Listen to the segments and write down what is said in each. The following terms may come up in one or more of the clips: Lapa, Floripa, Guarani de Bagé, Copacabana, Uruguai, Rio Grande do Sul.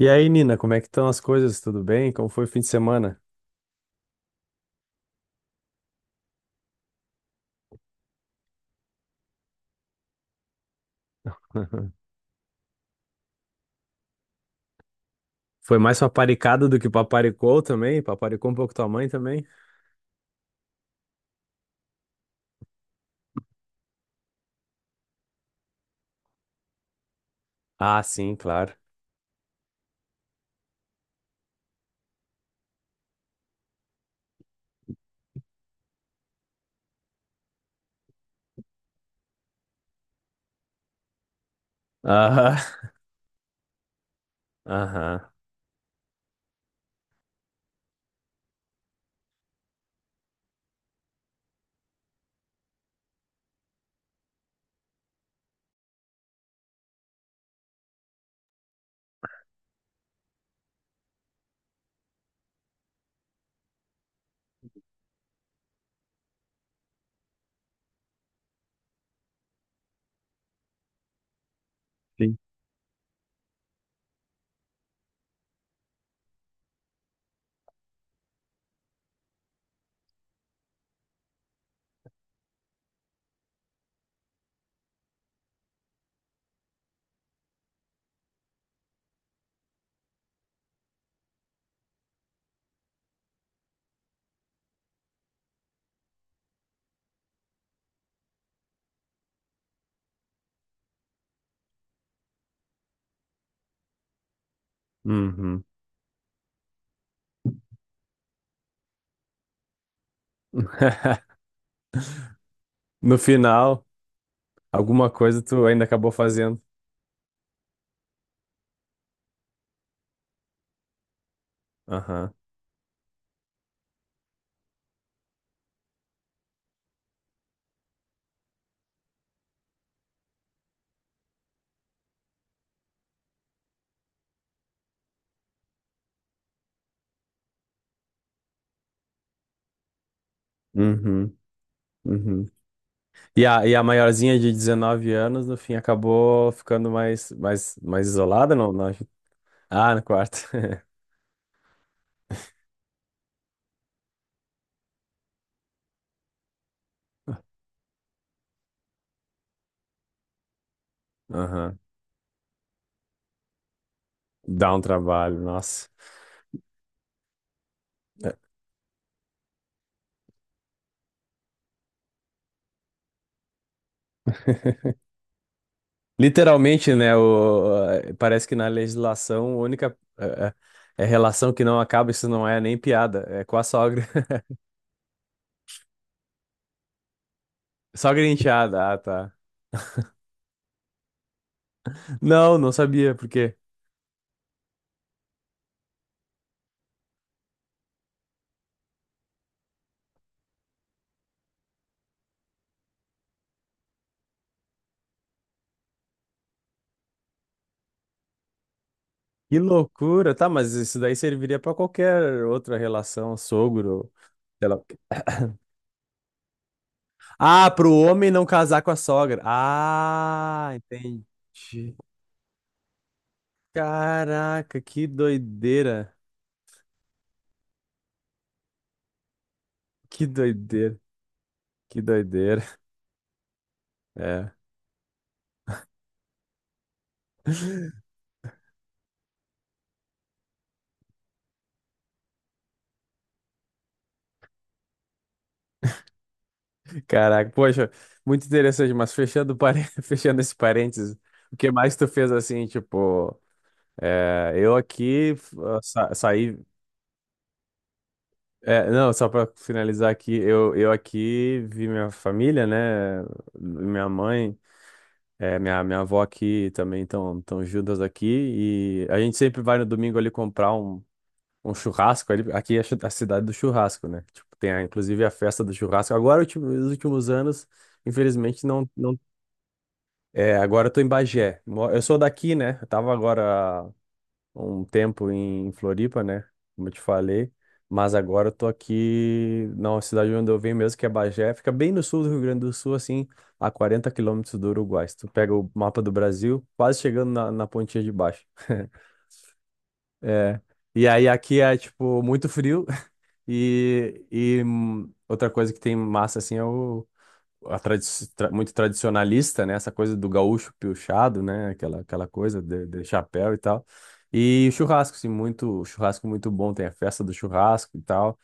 E aí, Nina, como é que estão as coisas? Tudo bem? Como foi o fim de semana? Foi mais paparicado do que paparicou também? Paparicou um pouco tua mãe também? Ah, sim, claro. Aham, aham. Sim. Uhum. No final, alguma coisa tu ainda acabou fazendo. Aham. Uhum. Uhum. E a maiorzinha de 19 anos, no fim, acabou ficando mais isolada, não, não? Ah, no quarto. Aham. Dá um trabalho, nossa. Literalmente, né? O, parece que na legislação a única relação que não acaba, isso não é nem piada, é com a sogra. Sogra e enteada, ah, tá. Não, não sabia, por quê? Que loucura, tá, mas isso daí serviria pra qualquer outra relação, sogro, sei lá. O quê. Ah, pro homem não casar com a sogra. Ah, entendi. Caraca, que doideira. Que doideira, que doideira. É. Caraca, poxa, muito interessante, mas fechando esse parênteses, o que mais tu fez assim, tipo, é, eu aqui f- ah, sa- saí, é, não, só pra finalizar aqui, eu aqui vi minha família, né, minha mãe, é, minha avó aqui também, estão tão juntas aqui, e a gente sempre vai no domingo ali comprar um churrasco, ali, aqui é a cidade do churrasco, né, tipo, inclusive a festa do churrasco, agora, nos últimos anos, infelizmente não. É, agora eu tô em Bagé. Eu sou daqui, né? Eu tava agora há um tempo em Floripa, né? Como eu te falei. Mas agora eu tô aqui na cidade onde eu venho mesmo, que é Bagé. Fica bem no sul do Rio Grande do Sul, assim, a 40 quilômetros do Uruguai. Se tu pega o mapa do Brasil, quase chegando na, na pontinha de baixo. É. E aí aqui é, tipo, muito frio. E, outra coisa que tem massa, assim, é o a tradi- muito tradicionalista, né? Essa coisa do gaúcho piochado, né? Aquela coisa de chapéu e tal. E churrasco, assim, muito, churrasco muito bom. Tem a festa do churrasco e tal.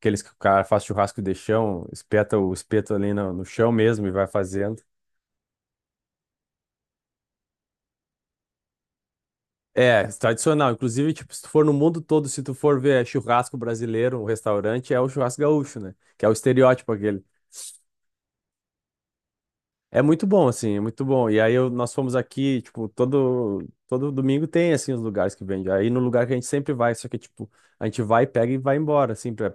Aqueles que o cara faz churrasco de chão, espeta o espeto ali no, no chão mesmo e vai fazendo. É, tradicional. Inclusive, tipo, se tu for no mundo todo, se tu for ver churrasco brasileiro, um restaurante, é o churrasco gaúcho, né? Que é o estereótipo aquele. É muito bom, assim, é muito bom. E aí nós fomos aqui, tipo, todo domingo tem, assim, os lugares que vende. Aí no lugar que a gente sempre vai, só que, tipo, a gente vai, pega e vai embora, assim, pra,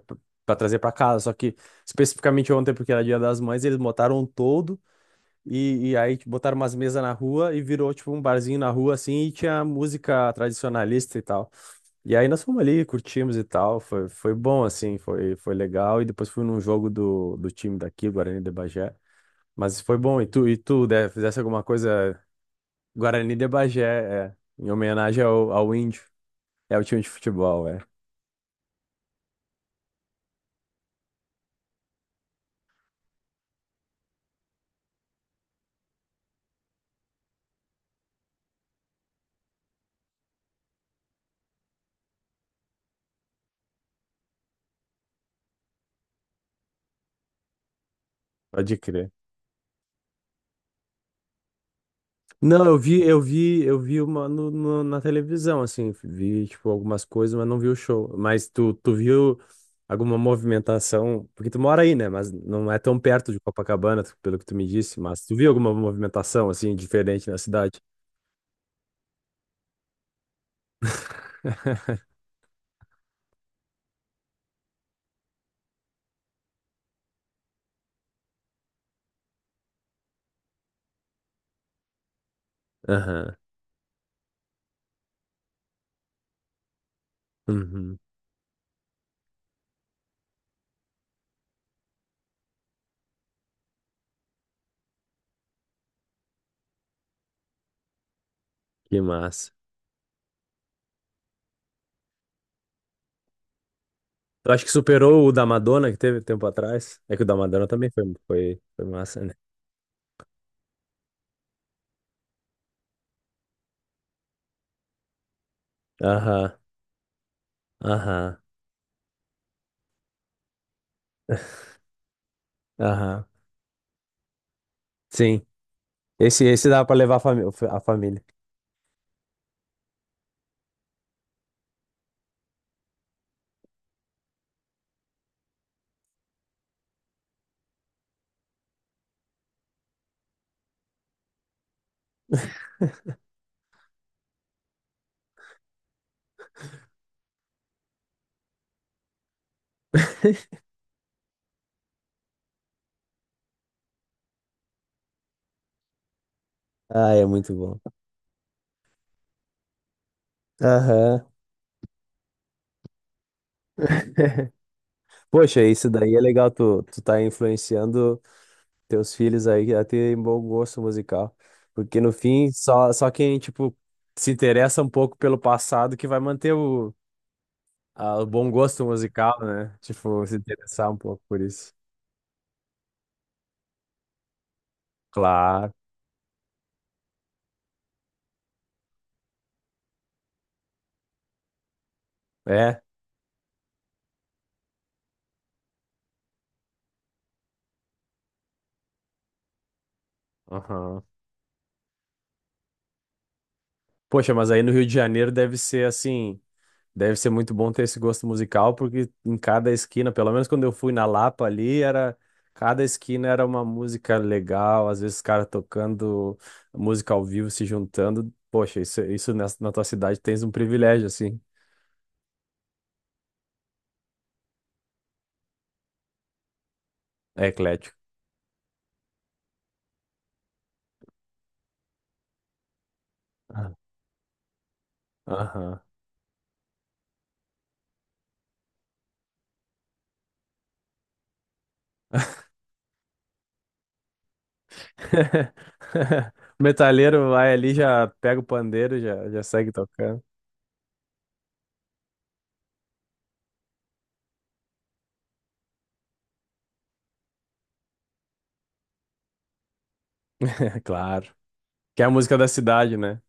pra trazer pra casa. Só que, especificamente ontem, porque era Dia das Mães, eles botaram um todo e aí tipo, botaram umas mesas na rua e virou, tipo, um barzinho na rua, assim, e tinha música tradicionalista e tal. E aí nós fomos ali, curtimos e tal. Foi, foi bom, assim, foi, foi legal. E depois fui num jogo do time daqui, Guarani de Bagé. Mas foi bom. E tu, né, fizesse alguma coisa. Guarani de Bagé, é, em homenagem ao, ao índio. É o time de futebol, é. Pode crer. Não, eu vi uma no, na televisão, assim, vi, tipo, algumas coisas, mas não vi o show. Mas tu viu alguma movimentação? Porque tu mora aí, né? Mas não é tão perto de Copacabana, tu- pelo que tu me disse, mas tu viu alguma movimentação, assim, diferente na cidade? Aham. Uhum. Que massa. Eu acho que superou o da Madonna que teve tempo atrás. É que o da Madonna também foi, foi, foi massa, né? Aham, aham, aham. Sim. Esse dá pra levar a família. Ah, é muito bom. Aham. Poxa, isso daí é legal, tu tá influenciando teus filhos aí a terem bom gosto musical. Porque no fim, só quem, tipo, se interessa um pouco pelo passado que vai manter o bom gosto musical, né? Tipo, se interessar um pouco por isso. Claro, é, aham. Poxa, mas aí no Rio de Janeiro deve ser assim, deve ser muito bom ter esse gosto musical, porque em cada esquina, pelo menos quando eu fui na Lapa ali, era cada esquina era uma música legal, às vezes os caras tocando música ao vivo, se juntando. Poxa, isso na tua cidade tens um privilégio assim, é eclético. Ah. Aham. O Metaleiro vai ali, já pega o pandeiro, já segue tocando. Claro. Que é a música da cidade, né?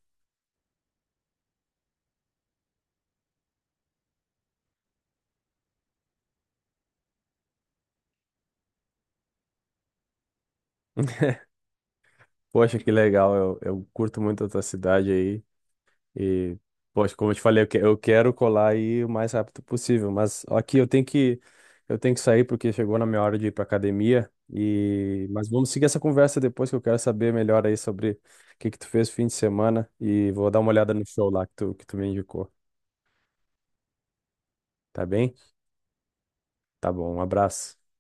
Poxa, que legal. Eu curto muito a tua cidade aí. E, poxa, como eu te falei, eu quero colar aí o mais rápido possível. Mas aqui eu tenho que sair porque chegou na minha hora de ir pra academia. E, mas vamos seguir essa conversa depois que eu quero saber melhor aí sobre o que que tu fez no fim de semana. E vou dar uma olhada no show lá que que tu me indicou. Tá bem? Tá bom. Um abraço.